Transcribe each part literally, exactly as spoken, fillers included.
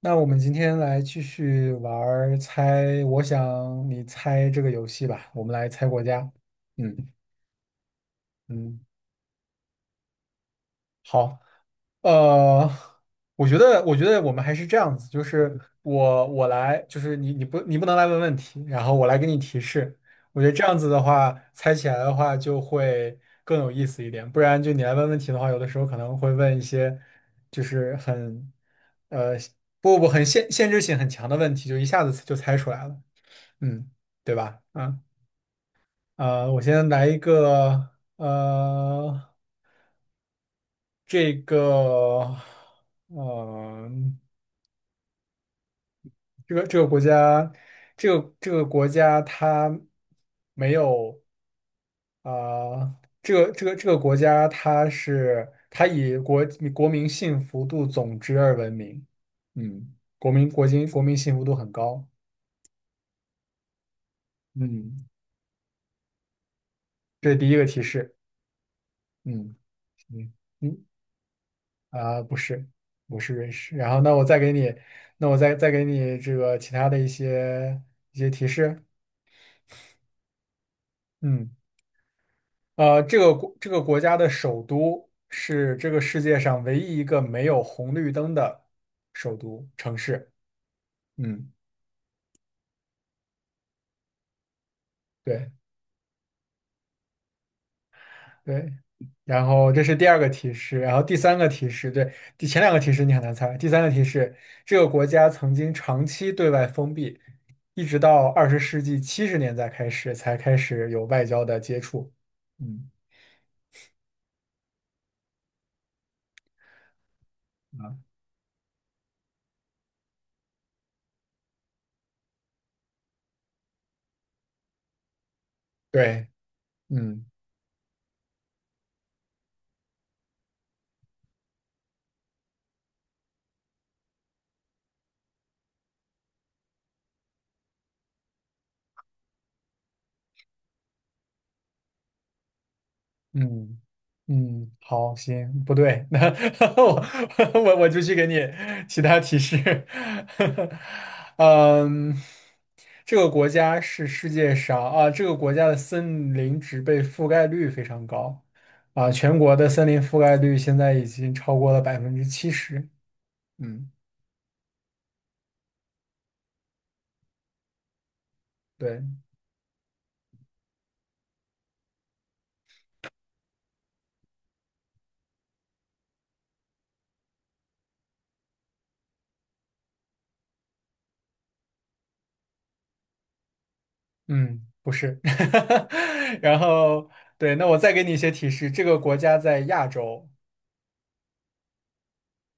那我们今天来继续玩儿猜，我想你猜这个游戏吧。我们来猜国家。嗯嗯，好。呃，我觉得，我觉得我们还是这样子，就是我我来，就是你你不你不能来问问题，然后我来给你提示。我觉得这样子的话，猜起来的话就会更有意思一点。不然就你来问问题的话，有的时候可能会问一些就是很呃不不不很限限制性很强的问题，就一下子就猜出来了。嗯，对吧？啊，呃，我先来一个，呃，这个，呃，这个这个国家，这个这个国家它没有，呃，这个这个这个国家它是它以国国民幸福度总值而闻名，嗯，国民国金国民幸福度很高，嗯，这是第一个提示，嗯，行嗯啊，不是，不是瑞士。然后，那我再给你，那我再再给你这个其他的一些一些提示。嗯，呃，这个国这个国家的首都是这个世界上唯一一个没有红绿灯的首都城市。嗯，对。对，然后这是第二个提示，然后第三个提示，对，第前两个提示你很难猜，第三个提示，这个国家曾经长期对外封闭，一直到二十世纪七十年代开始才开始有外交的接触。嗯，啊，对，嗯。嗯嗯，好，行，不对，那我 我我就去给你其他提示。嗯，这个国家是世界上啊，这个国家的森林植被覆盖率非常高啊，全国的森林覆盖率现在已经超过了百分之七十。嗯，对，嗯，不是。然后对，那我再给你一些提示，这个国家在亚洲。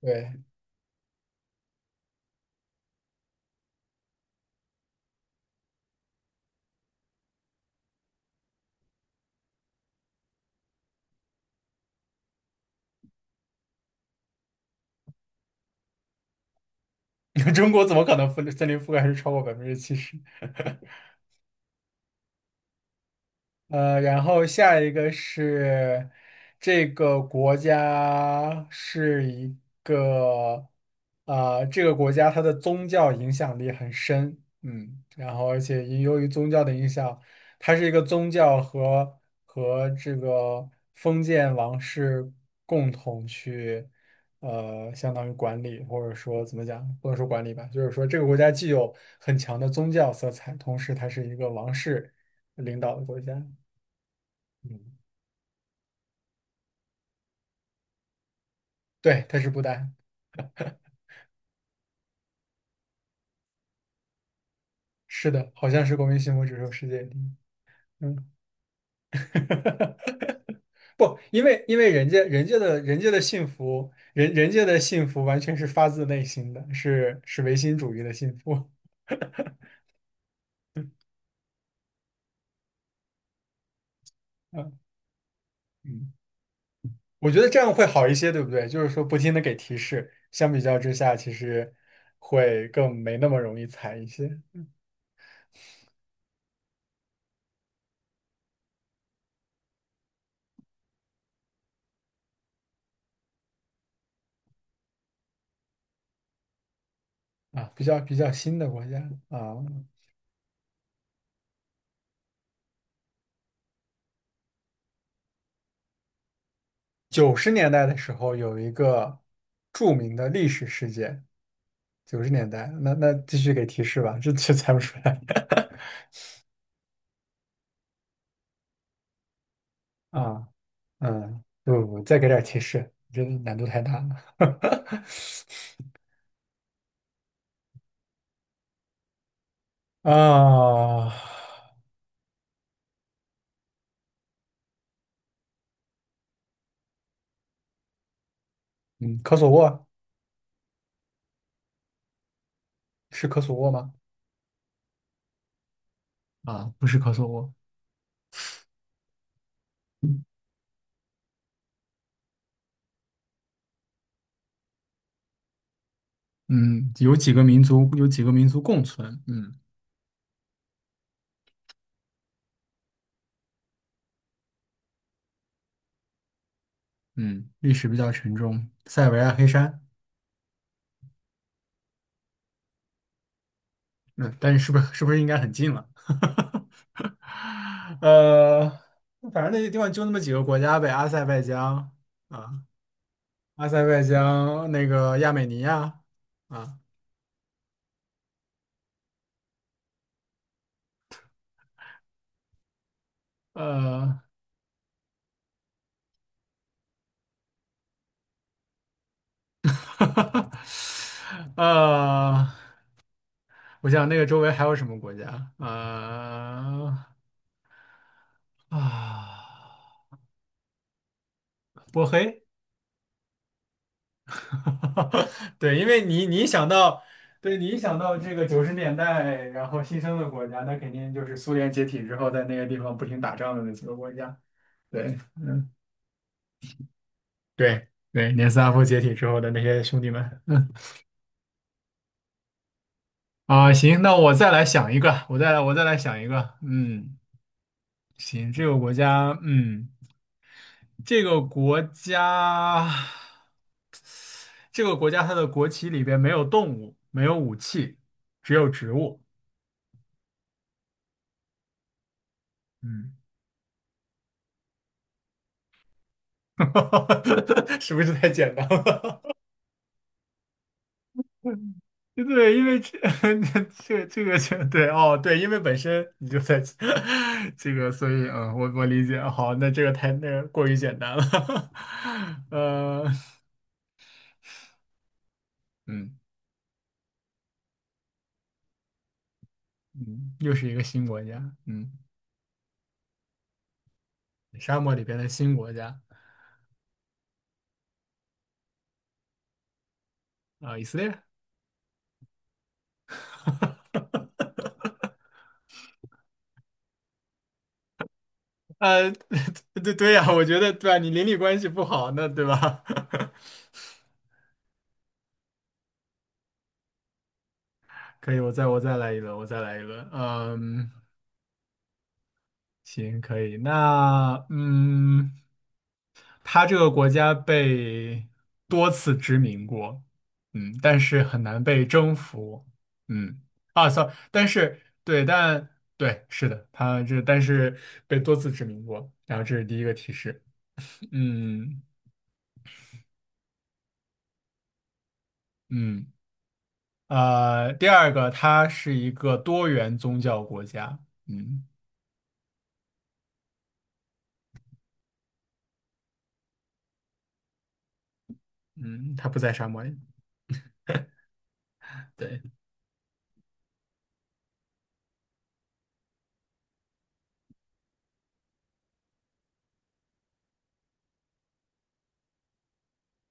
对，中国怎么可能覆森林覆盖率超过百分之七十？呃，然后下一个是这个国家是一个，啊，这个国家它的宗教影响力很深，嗯，然后而且也由于宗教的影响，它是一个宗教和和这个封建王室共同去，呃，相当于管理或者说怎么讲，不能说管理吧，就是说这个国家既有很强的宗教色彩，同时它是一个王室领导的国家。嗯，对，它是不丹，是的，好像是国民幸福指数世界第一。嗯，不，因为因为人家人家的人家的幸福，人人家的幸福完全是发自内心的，是是唯心主义的幸福。嗯 嗯，我觉得这样会好一些，对不对？就是说不停的给提示，相比较之下，其实会更没那么容易踩一些啊，比较比较新的国家啊。九十年代的时候，有一个著名的历史事件。九十年代，那那继续给提示吧，这这猜不出来 啊，嗯，不不不，再给点提示，这难度太大了 啊，嗯，科索沃是科索沃吗？啊，不是科索沃，嗯，有几个民族有几个民族共存，嗯嗯，历史比较沉重，塞尔维亚黑山，嗯，但是是不是是不是应该很近了？呃，反正那些地方就那么几个国家呗，阿塞拜疆啊，阿塞拜疆、那个亚美尼亚啊，呃，呃，我想那个周围还有什么国家？呃啊，波黑，对，因为你你一想到，对你一想到这个九十年代然后新生的国家，那肯定就是苏联解体之后在那个地方不停打仗的那几个国家。对对对，年斯拉夫解体之后的那些兄弟们。嗯。啊，行，那我再来想一个，我再来，我再来想一个。嗯，行，这个国家，嗯，这个国家，这个国家它的国旗里边没有动物，没有武器，只有植物。嗯，是不是太简单了？对，因为这 这这个这对哦，对，因为本身你就在 这个，所以嗯，我我理解。好，那这个太那个过于简单了。呃，嗯。嗯，又是一个新国家，嗯，沙漠里边的新国家啊，以色列，呃，对对呀，我觉得对啊，你邻里关系不好，那对吧？可以，我再我再来一轮，我再来一轮，嗯，行，可以，那嗯。它这个国家被多次殖民过，嗯，但是很难被征服，嗯，啊，sorry，但是对，但对，是的，它这但是被多次殖民过，然后这是第一个提示，嗯嗯，呃，第二个，它是一个多元宗教国家，嗯嗯，它不在沙漠里，对，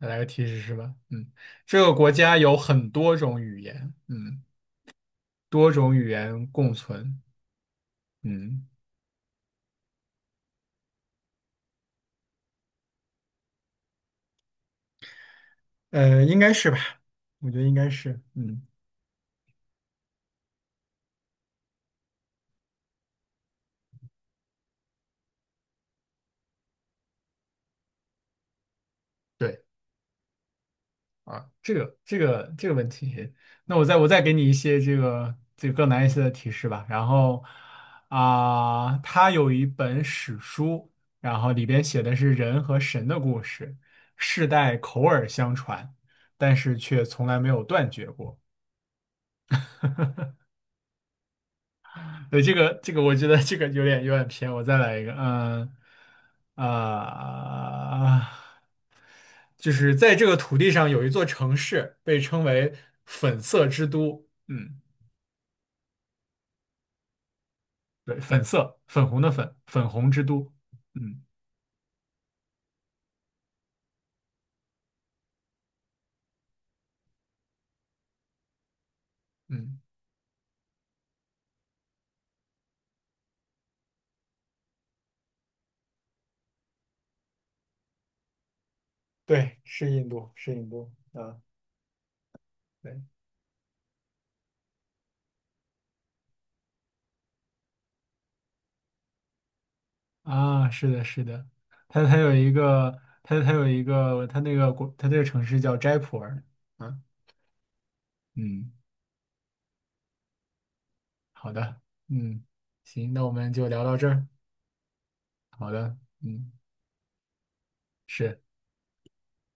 再来个提示是吧？嗯，这个国家有很多种语言，嗯，多种语言共存。嗯，呃，应该是吧？我觉得应该是，嗯，对啊，这个这个这个问题，那我再我再给你一些这个这个更难一些的提示吧。然后啊，他有一本史书，然后里边写的是人和神的故事，世代口耳相传，但是却从来没有断绝过。对，这个这个，我觉得这个有点有点偏。我再来一个，嗯啊、就是在这个土地上有一座城市，被称为粉色之都。嗯，对，粉色，粉红的粉，粉红之都。嗯嗯，对，是印度，是印度啊，对啊，是的，是的，它它有一个，它它有一个，它那个国，它这个城市叫斋普尔。啊，嗯。好的，嗯，行，那我们就聊到这儿。好的，嗯，是。